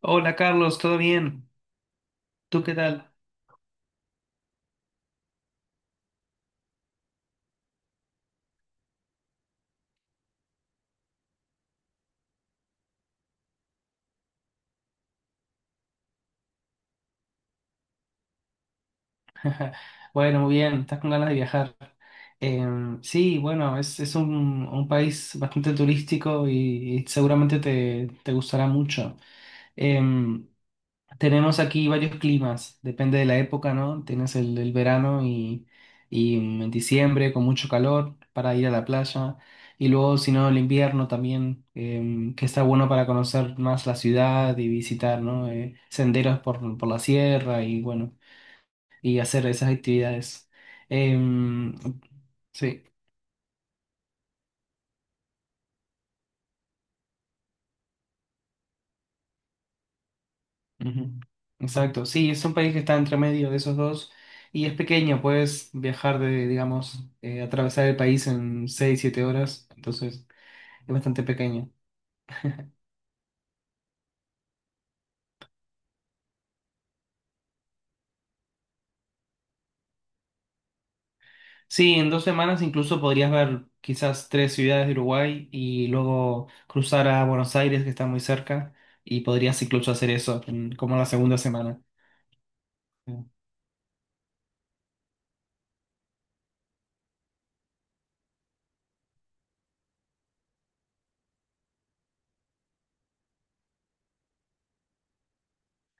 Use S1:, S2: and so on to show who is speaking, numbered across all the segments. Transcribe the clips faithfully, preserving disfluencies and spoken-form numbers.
S1: Hola Carlos, ¿todo bien? ¿Tú qué tal? Bueno, muy bien, estás con ganas de viajar. Em, sí, bueno, es, es un, un país bastante turístico y, y seguramente te, te gustará mucho. Em, Tenemos aquí varios climas, depende de la época, ¿no? Tienes el, el verano y, y en diciembre con mucho calor para ir a la playa. Y luego, si no, el invierno también, eh, que está bueno para conocer más la ciudad y visitar, ¿no? Eh, senderos por, por la sierra y bueno, y hacer esas actividades. Em, sí. Ujú. Exacto, sí, es un país que está entre medio de esos dos y es pequeño, puedes viajar de, digamos, eh, atravesar el país en seis siete horas, entonces es bastante pequeño. Sí, en dos semanas incluso podrías ver quizás tres ciudades de Uruguay y luego cruzar a Buenos Aires, que está muy cerca, y podrías incluso hacer eso en- como la segunda semana.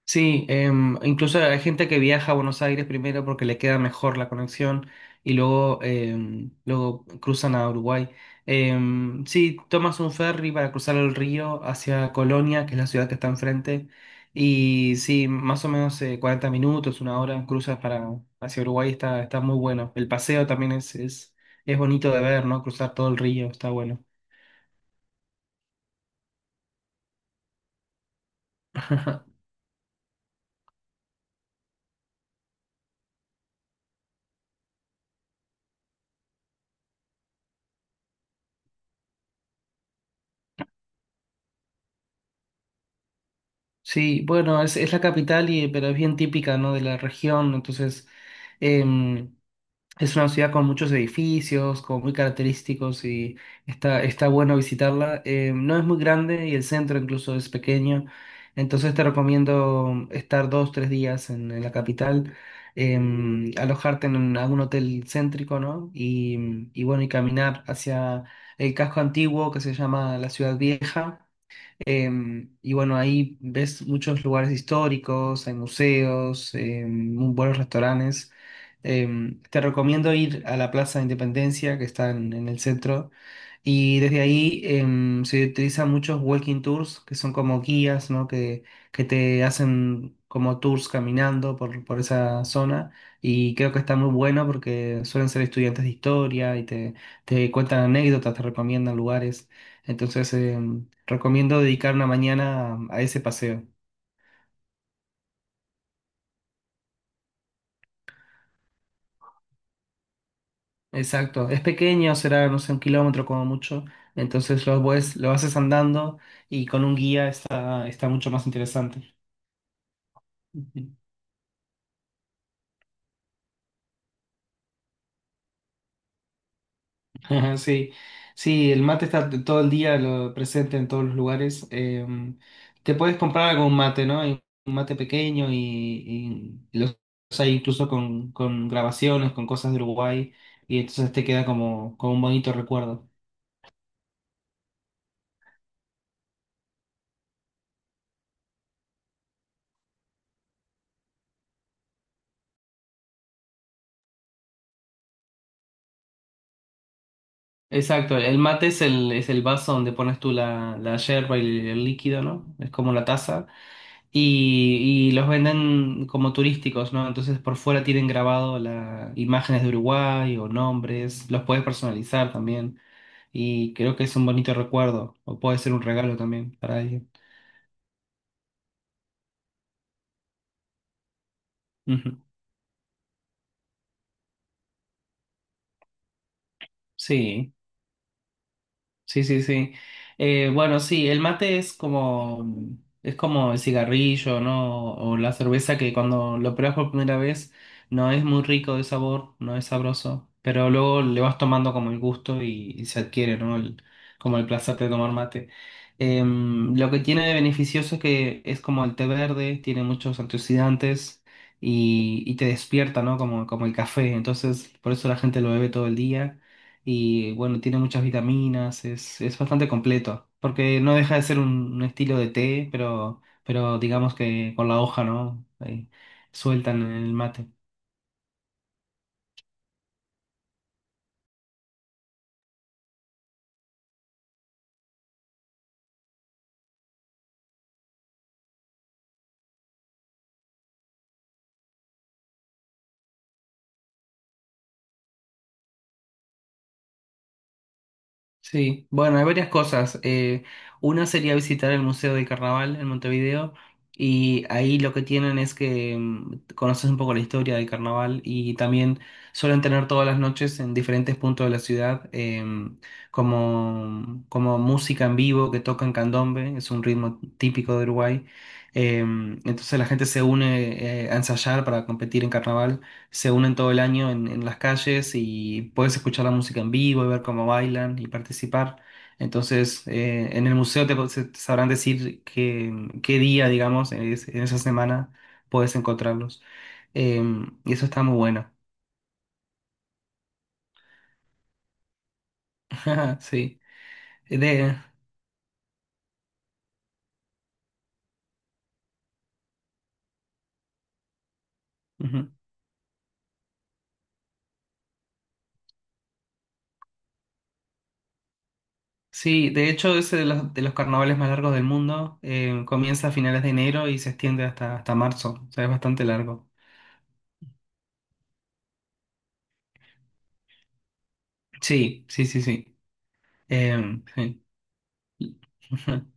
S1: Sí, em, incluso hay gente que viaja a Buenos Aires primero porque le queda mejor la conexión y luego, em, luego cruzan a Uruguay. Em, sí, tomas un ferry para cruzar el río hacia Colonia, que es la ciudad que está enfrente, y sí, más o menos eh, cuarenta minutos, una hora, cruzas para, hacia Uruguay, está, está muy bueno. El paseo también es, es, es bonito de ver, ¿no? Cruzar todo el río, está bueno. Sí, bueno, es, es la capital, y, pero es bien típica, ¿no? De la región, entonces… em, es una ciudad con muchos edificios, como muy característicos y está, está bueno visitarla. Eh, no es muy grande y el centro incluso es pequeño, entonces te recomiendo estar dos, tres días en, en la capital, em, alojarte en un- algún hotel céntrico, ¿no? Y, y bueno, y caminar hacia el casco antiguo que se llama la Ciudad Vieja. Em, y bueno, ahí ves muchos lugares históricos, hay museos, em, muy buenos restaurantes. Em, te recomiendo ir a la Plaza de Independencia, que está en, en el centro, y desde ahí em, se utilizan muchos walking tours, que son como guías, ¿no? Que, que te hacen como tours caminando por, por esa zona, y creo que está muy bueno porque suelen ser estudiantes de historia y te, te cuentan anécdotas, te recomiendan lugares. Entonces, em, recomiendo dedicar una mañana a a ese paseo. Exacto. Es pequeño, será, no sé, un kilómetro como mucho. Entonces lo, puedes- lo haces andando y con un guía está, está mucho más interesante. Ujú. Sí, sí, el mate está t- todo el día lo, presente en todos los lugares. Eh, te puedes comprar algún mate, ¿no? Hay un mate pequeño y, y los hay incluso con, con grabaciones, con cosas de Uruguay. Y entonces te queda como, como un bonito recuerdo. Exacto, el mate es el, es el vaso donde pones tú la, la yerba y el, el líquido, ¿no? Es como la taza. Y, y los venden como turísticos, ¿no? Entonces por fuera tienen grabado la, imágenes de Uruguay o nombres, los puedes personalizar también. Y creo que es un bonito recuerdo, o puede ser un regalo también para alguien. Ujú. Sí. Sí, sí, sí. Eh, bueno, sí, el mate es como, es como el cigarrillo, ¿no? O la cerveza que cuando lo pruebas por primera vez no es muy rico de sabor, no es sabroso, pero luego le vas tomando como el gusto y, y se adquiere, ¿no? El- como el placer de tomar mate. Em, lo que tiene de beneficioso es que es como el té verde, tiene muchos antioxidantes y, y te despierta, ¿no? Como, como el café, entonces por eso la gente lo bebe todo el día y bueno, tiene muchas vitaminas, es, es bastante completo, porque no deja de ser un, un estilo de té, pero, pero digamos que con la hoja, ¿no? Ahí, sueltan en el mate. Sí, bueno, hay varias cosas. Eh, una sería visitar el Museo de Carnaval en Montevideo y ahí lo que tienen es que mm, conoces un poco la historia del carnaval y también suelen tener todas las noches en diferentes puntos de la ciudad em, como, como música en vivo que tocan candombe, es un ritmo típico de Uruguay. Em, entonces la gente se une eh, a ensayar para competir en carnaval, se unen todo el año en, en las calles y puedes escuchar la música en vivo y ver cómo bailan y participar. Entonces, eh, en el museo te, se- te sabrán decir qué, qué día, digamos, en, es- en esa semana puedes encontrarlos. Eh, y eso está muy bueno. Sí. De, ujú. Sí, de hecho, ese de los, de los carnavales más largos del mundo. Eh, comienza a finales de enero y se extiende hasta, hasta marzo. O sea, es bastante largo. Sí, sí, sí, sí. Em, sí.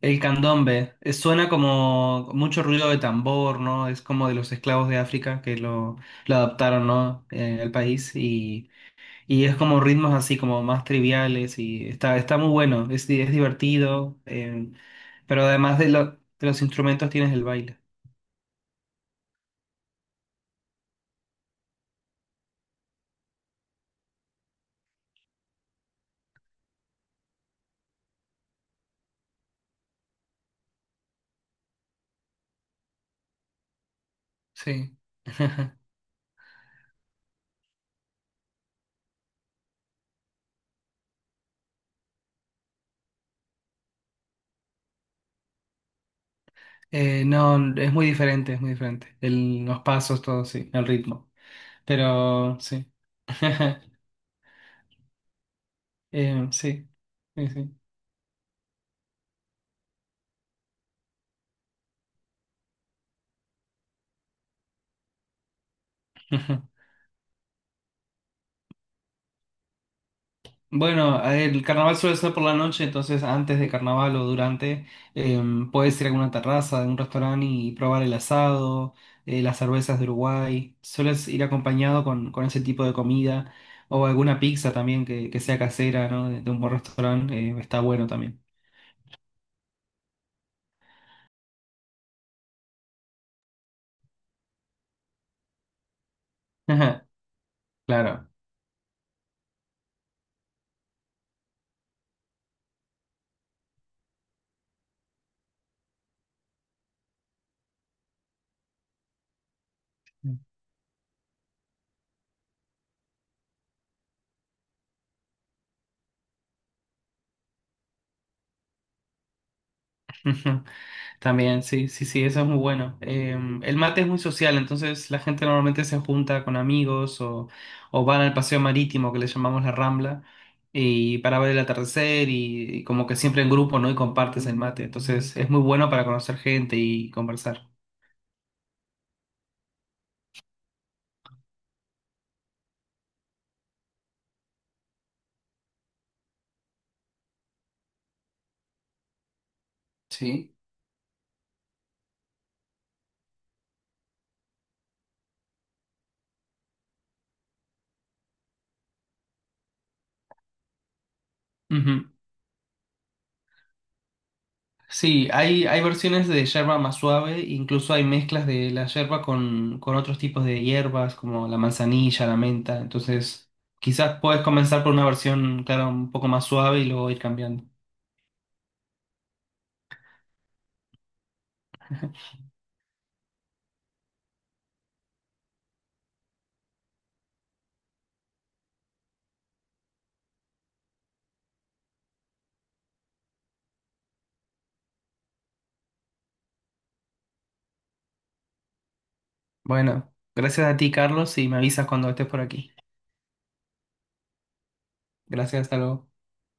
S1: El candombe eh, suena como mucho ruido de tambor, ¿no? Es como de los esclavos de África que lo, lo adaptaron, ¿no? Eh, al país y, y es como ritmos así como más triviales y está, está muy bueno, es, di- es divertido, eh, pero además de, lo- de los instrumentos tienes el baile, sí. Eh, no, es muy diferente, es muy diferente. El- los pasos, todo, sí, el ritmo, pero sí. Eh, sí, sí, sí. Bueno, el carnaval suele ser por la noche, entonces antes de carnaval o durante, eh, puedes ir a alguna terraza, a un restaurante y probar el asado, eh, las cervezas de Uruguay. Sueles ir acompañado con, con ese tipo de comida o alguna pizza también que, que sea casera, ¿no? De, de un buen restaurante, eh, está bueno también. Claro. Ujú. También, sí, sí, sí, eso es muy bueno. Eh, el mate es muy social, entonces la gente normalmente se junta con amigos o, o van al paseo marítimo que le llamamos la Rambla y para ver el atardecer y, y como que siempre en grupo, ¿no? Y compartes el mate, entonces es muy bueno para conocer gente y conversar. Sí. Ujú. Sí, hay, hay versiones de yerba más suave, incluso hay mezclas de la yerba con, con otros tipos de hierbas como la manzanilla, la menta. Entonces, quizás puedes comenzar por una versión, claro, un poco más suave y luego ir cambiando. Bueno, gracias a ti, Carlos, y me avisas cuando estés por aquí. Gracias, hasta luego.